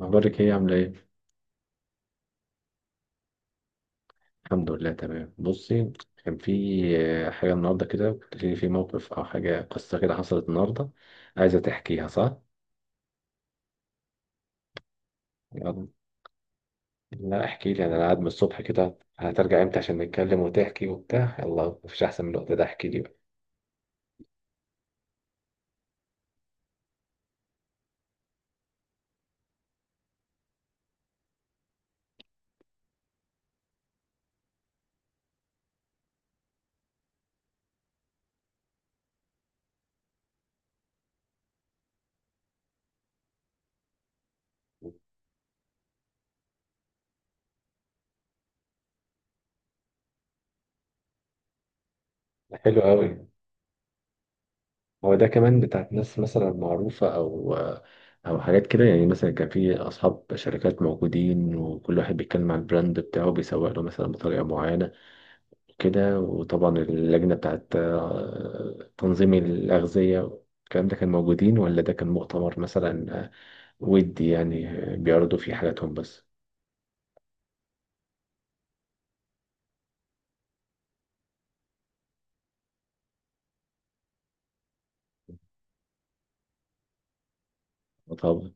أخبارك إيه عاملة إيه؟ الحمد لله تمام، بصي. كان في حاجة النهاردة كده، كنت في موقف أو حاجة، قصة كده حصلت النهاردة. عايزة تحكيها صح؟ يلا. لا احكي لي، أنا قاعد من الصبح كده، هترجع إمتى عشان نتكلم وتحكي وبتاع؟ يلا مفيش أحسن من الوقت ده، احكي لي بقى. حلو أوي. هو ده كمان بتاعت ناس مثلا معروفة أو حاجات كده؟ يعني مثلا كان في أصحاب شركات موجودين، وكل واحد بيتكلم عن البراند بتاعه، بيسوق له مثلا بطريقة معينة كده. وطبعا اللجنة بتاعت تنظيم الأغذية، الكلام ده كان موجودين؟ ولا ده كان مؤتمر مثلا آه،، ودي يعني بيعرضوا فيه حاجاتهم بس؟ طبعا.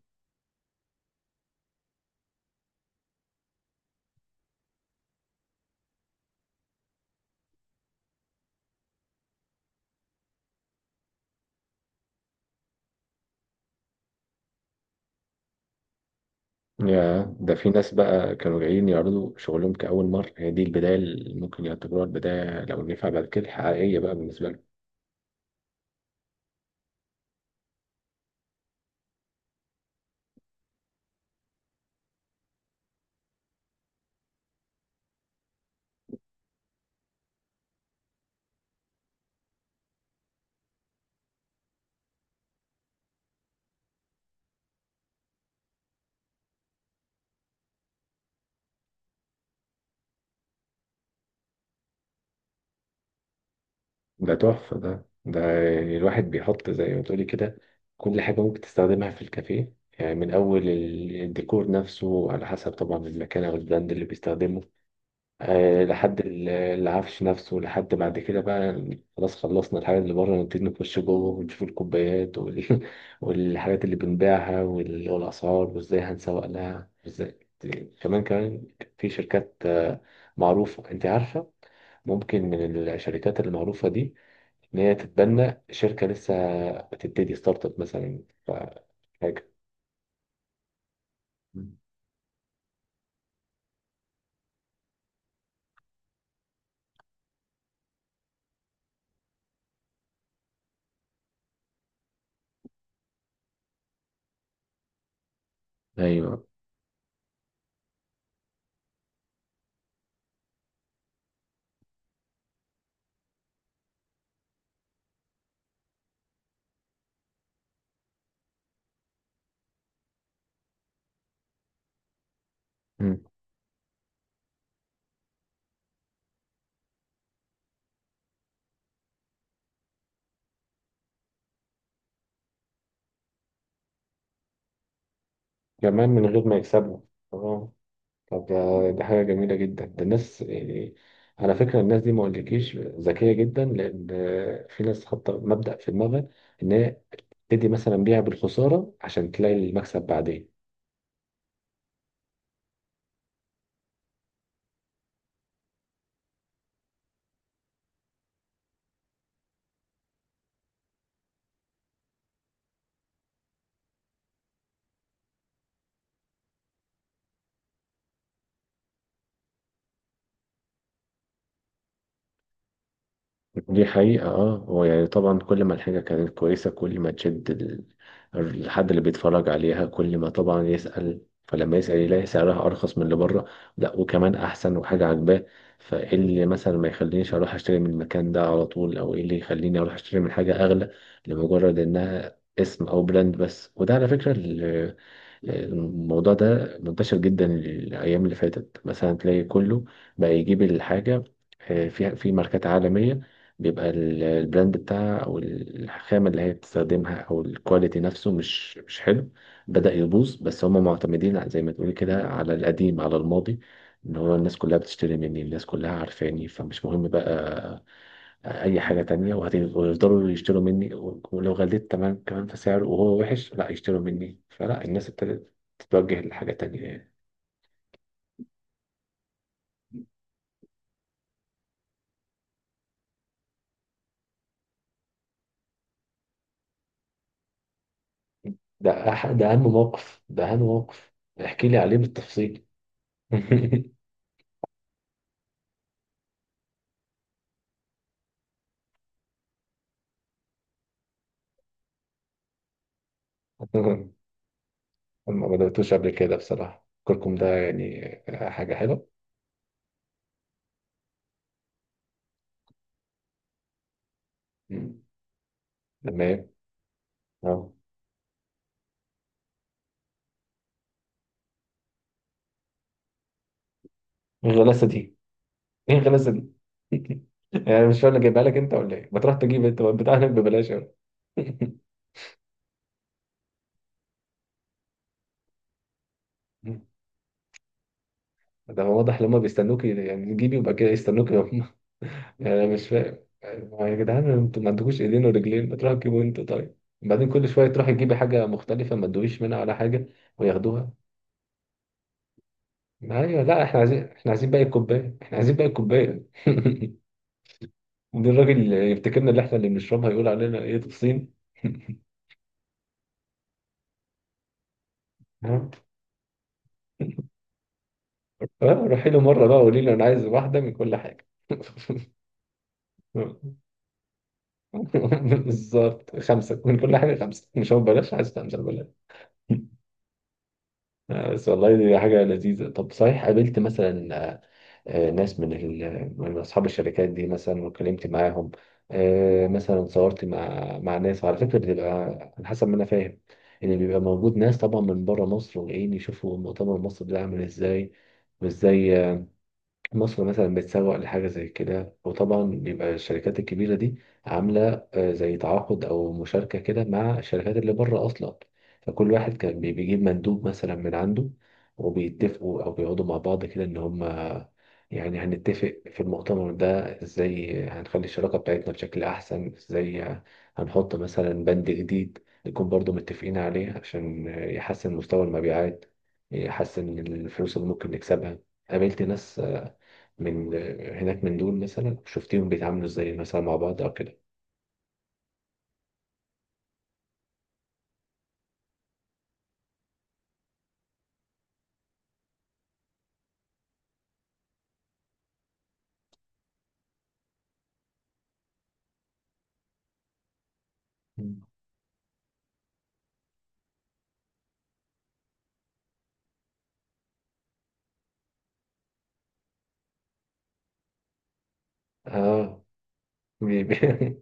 يا ده، في ناس بقى كانوا جايين يعرضوا شغلهم كأول مرة، هي دي البداية اللي ممكن يعتبروها البداية لو نفع بعد كده الحقيقية بقى بالنسبة لهم. ده تحفة، ده يعني الواحد بيحط زي ما تقولي كده كل حاجة ممكن تستخدمها في الكافيه. يعني من أول الديكور نفسه، على حسب طبعا المكان أو البراند اللي بيستخدمه، لحد العفش نفسه لحد بعد كده بقى. خلاص، خلصنا الحاجات اللي بره، نبتدي نخش جوه ونشوف الكوبايات والحاجات اللي بنبيعها والأسعار، وازاي هنسوق لها وازاي. كمان كمان في شركات معروفة، انت عارفة. ممكن من الشركات المعروفة دي إن هي تتبنى شركة لسه بتبتدي ستارت اب مثلا، حاجة. مم. ايوه. مم. كمان من غير ما يكسبوا. آه. طب دي حاجة جميلة جدا، ده الناس يعني على فكرة، الناس دي ما اقولكيش ذكية جدا، لأن في ناس حاطة مبدأ في دماغها إن هي تدي مثلا بيع بالخسارة عشان تلاقي المكسب بعدين. دي حقيقة، اه. هو يعني طبعا كل ما الحاجة كانت كويسة كل ما تشد الحد اللي بيتفرج عليها، كل ما طبعا يسأل. فلما يسأل يلاقي سعرها أرخص من اللي بره، لا وكمان أحسن، وحاجة عاجباه. فإيه اللي مثلا ما يخلينيش أروح أشتري من المكان ده على طول؟ أو إيه اللي يخليني أروح أشتري من حاجة أغلى لمجرد إنها اسم أو براند بس؟ وده على فكرة الموضوع ده منتشر جدا. الأيام اللي فاتت مثلا تلاقي كله بقى يجيب الحاجة فيها، في ماركات عالمية بيبقى البراند بتاعها أو الخامة اللي هي بتستخدمها أو الكواليتي نفسه مش حلو، بدأ يبوظ، بس هم معتمدين زي ما تقولي كده على القديم، على الماضي. إن هو الناس كلها بتشتري مني، الناس كلها عارفاني، فمش مهم بقى اي حاجه تانية، ويفضلوا يشتروا مني، ولو غليت تمام كمان في سعره وهو وحش لا يشتروا مني، فلا الناس ابتدت تتوجه لحاجه تانية يعني. ده ده اهم موقف، ده اهم موقف. احكي لي عليه بالتفصيل. ما بدأتوش قبل كده بصراحه، كركم ده يعني حاجه حلوه؟ مم. تمام. اه. الغلاسه دي، ايه الغلاسه دي؟ يعني مش فاهم، أنا جايبها لك انت ولا ايه؟ ما تروح تجيب انت بتاعنا ببلاش أهو. ده هو واضح ان هما بيستنوكي، يعني تجيبي يبقى كده يستنوكي هم. يعني انا مش فاهم يعني، يا جدعان انتوا ما عندكوش ايدين ورجلين؟ ما تروحوا تجيبوا انتوا طيب. بعدين كل شويه تروحي تجيبي حاجه مختلفه، ما تدويش منها ولا حاجه، وياخدوها. ايوه، لا احنا عايزين، احنا عايزين باقي الكوبايه، احنا عايزين باقي الكوبايه. دي الراجل اللي يفتكرنا اللي احنا اللي بنشربها، يقول علينا ايه؟ تفصين. ها؟ روحي له مره بقى، قولي له انا عايز واحده من كل حاجه. بالظبط، خمسه من كل حاجه، خمسه، مش هو ببلاش، عايز خمسه ببلاش. بس والله دي حاجة لذيذة. طب صحيح، قابلت مثلا ناس من من أصحاب الشركات دي مثلا، واتكلمت معاهم؟ مثلا صورت مع ناس، على فكرة بتبقى على حسب ما أنا فاهم إن بيبقى موجود ناس طبعا من بره مصر، وجايين يشوفوا مؤتمر مصر ده عامل إزاي، وإزاي مصر مثلا بتسوق لحاجة زي كده. وطبعا بيبقى الشركات الكبيرة دي عاملة زي تعاقد أو مشاركة كده مع الشركات اللي بره أصلا، فكل واحد كان بيجيب مندوب مثلا من عنده، وبيتفقوا أو بيقعدوا مع بعض كده إن هما يعني هنتفق في المؤتمر ده إزاي، هنخلي الشراكة بتاعتنا بشكل أحسن إزاي، هنحط مثلا بند جديد نكون برضو متفقين عليه عشان يحسن مستوى المبيعات، يحسن الفلوس اللي ممكن نكسبها. قابلت ناس من هناك، من دول مثلا شفتيهم بيتعاملوا ازاي مثلا مع بعض او كده؟ مم. اه. بي- بي-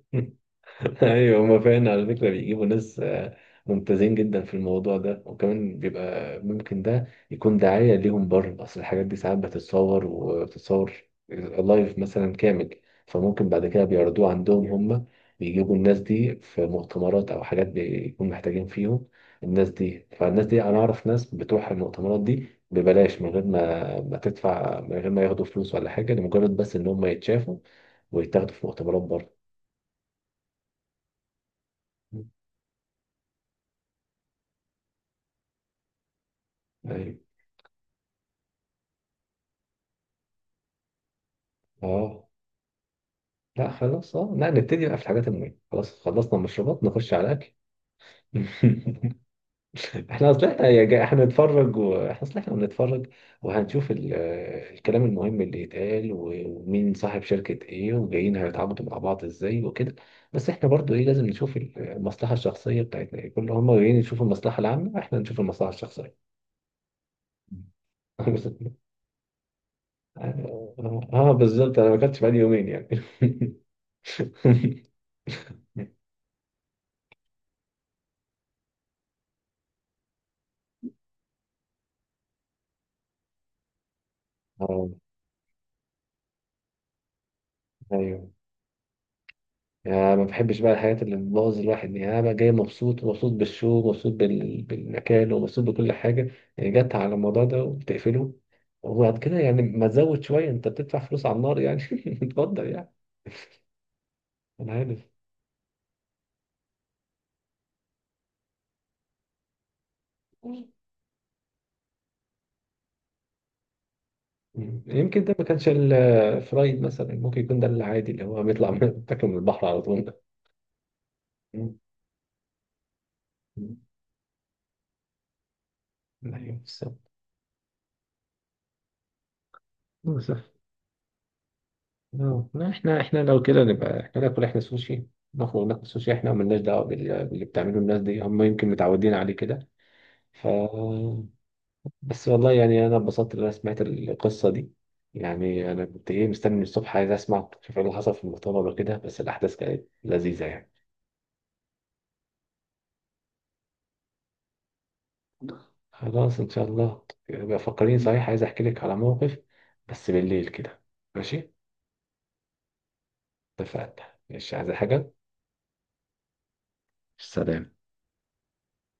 ايوه، هما فعلا على فكره بيجيبوا ناس ممتازين جدا في الموضوع ده، وكمان بيبقى ممكن ده يكون دعايه ليهم بره، اصل الحاجات دي ساعات بتتصور، وبتتصور لايف مثلا كامل، فممكن بعد كده بيعرضوه عندهم هما. بيجيبوا الناس دي في مؤتمرات او حاجات بيكون محتاجين فيهم الناس دي، فالناس دي انا اعرف ناس بتروح المؤتمرات دي ببلاش، من غير ما تدفع، من غير ما ياخدوا فلوس ولا حاجه، لمجرد بس ان هم يتشافوا ويتاخدوا في مؤتمرات بره. اه، لا خلاص، اه، لا نبتدي بقى في الحاجات المهمة، خلاص خلصنا المشروبات نخش على الأكل. احنا اصل احنا احنا نتفرج، واحنا اصل احنا بنتفرج، وهنشوف الكلام المهم اللي يتقال، ومين صاحب شركة ايه، وجايين هيتعاقدوا مع بعض ازاي وكده. بس احنا برضو ايه، لازم نشوف المصلحة الشخصية بتاعتنا ايه، كل هم جايين يشوفوا المصلحة العامة، احنا نشوف المصلحة الشخصية. اه. بالظبط، انا ما كنتش بقالي يومين يعني. اه. ايوه، يعني ما بحبش بقى الحاجات اللي بتبوظ الواحد يعني. انا بقى جاي مبسوط، مبسوط بالشو، مبسوط بالمكان، ومبسوط بكل حاجه، يعني جت على الموضوع ده وبتقفله. وبعد كده يعني ما تزود شويه، انت بتدفع فلوس على النار يعني. اتفضل يعني، انا عارف. مم. يمكن ده ما كانش الفرايد مثلا، ممكن يكون ده العادي اللي هو بيطلع من بياكل من البحر على طول ده. مم. مم. ايوه بالظبط. بالظبط. لا احنا لو كده نبقى احنا ناكل، احنا سوشي، نخرج ناكل سوشي احنا، وملناش دعوه باللي بتعمله الناس دي، هم يمكن متعودين عليه كده. ف بس والله يعني انا اتبسطت ان انا سمعت القصه دي يعني. انا كنت ايه، مستني من الصبح عايز اسمع شوف ايه اللي حصل في المؤتمر وكده، بس الاحداث كانت لذيذه يعني. خلاص ان شاء الله، يبقى فكرين. صحيح عايز احكي لك على موقف، بس بالليل كده. ماشي. اتفقنا. مش عايز حاجه. سلام.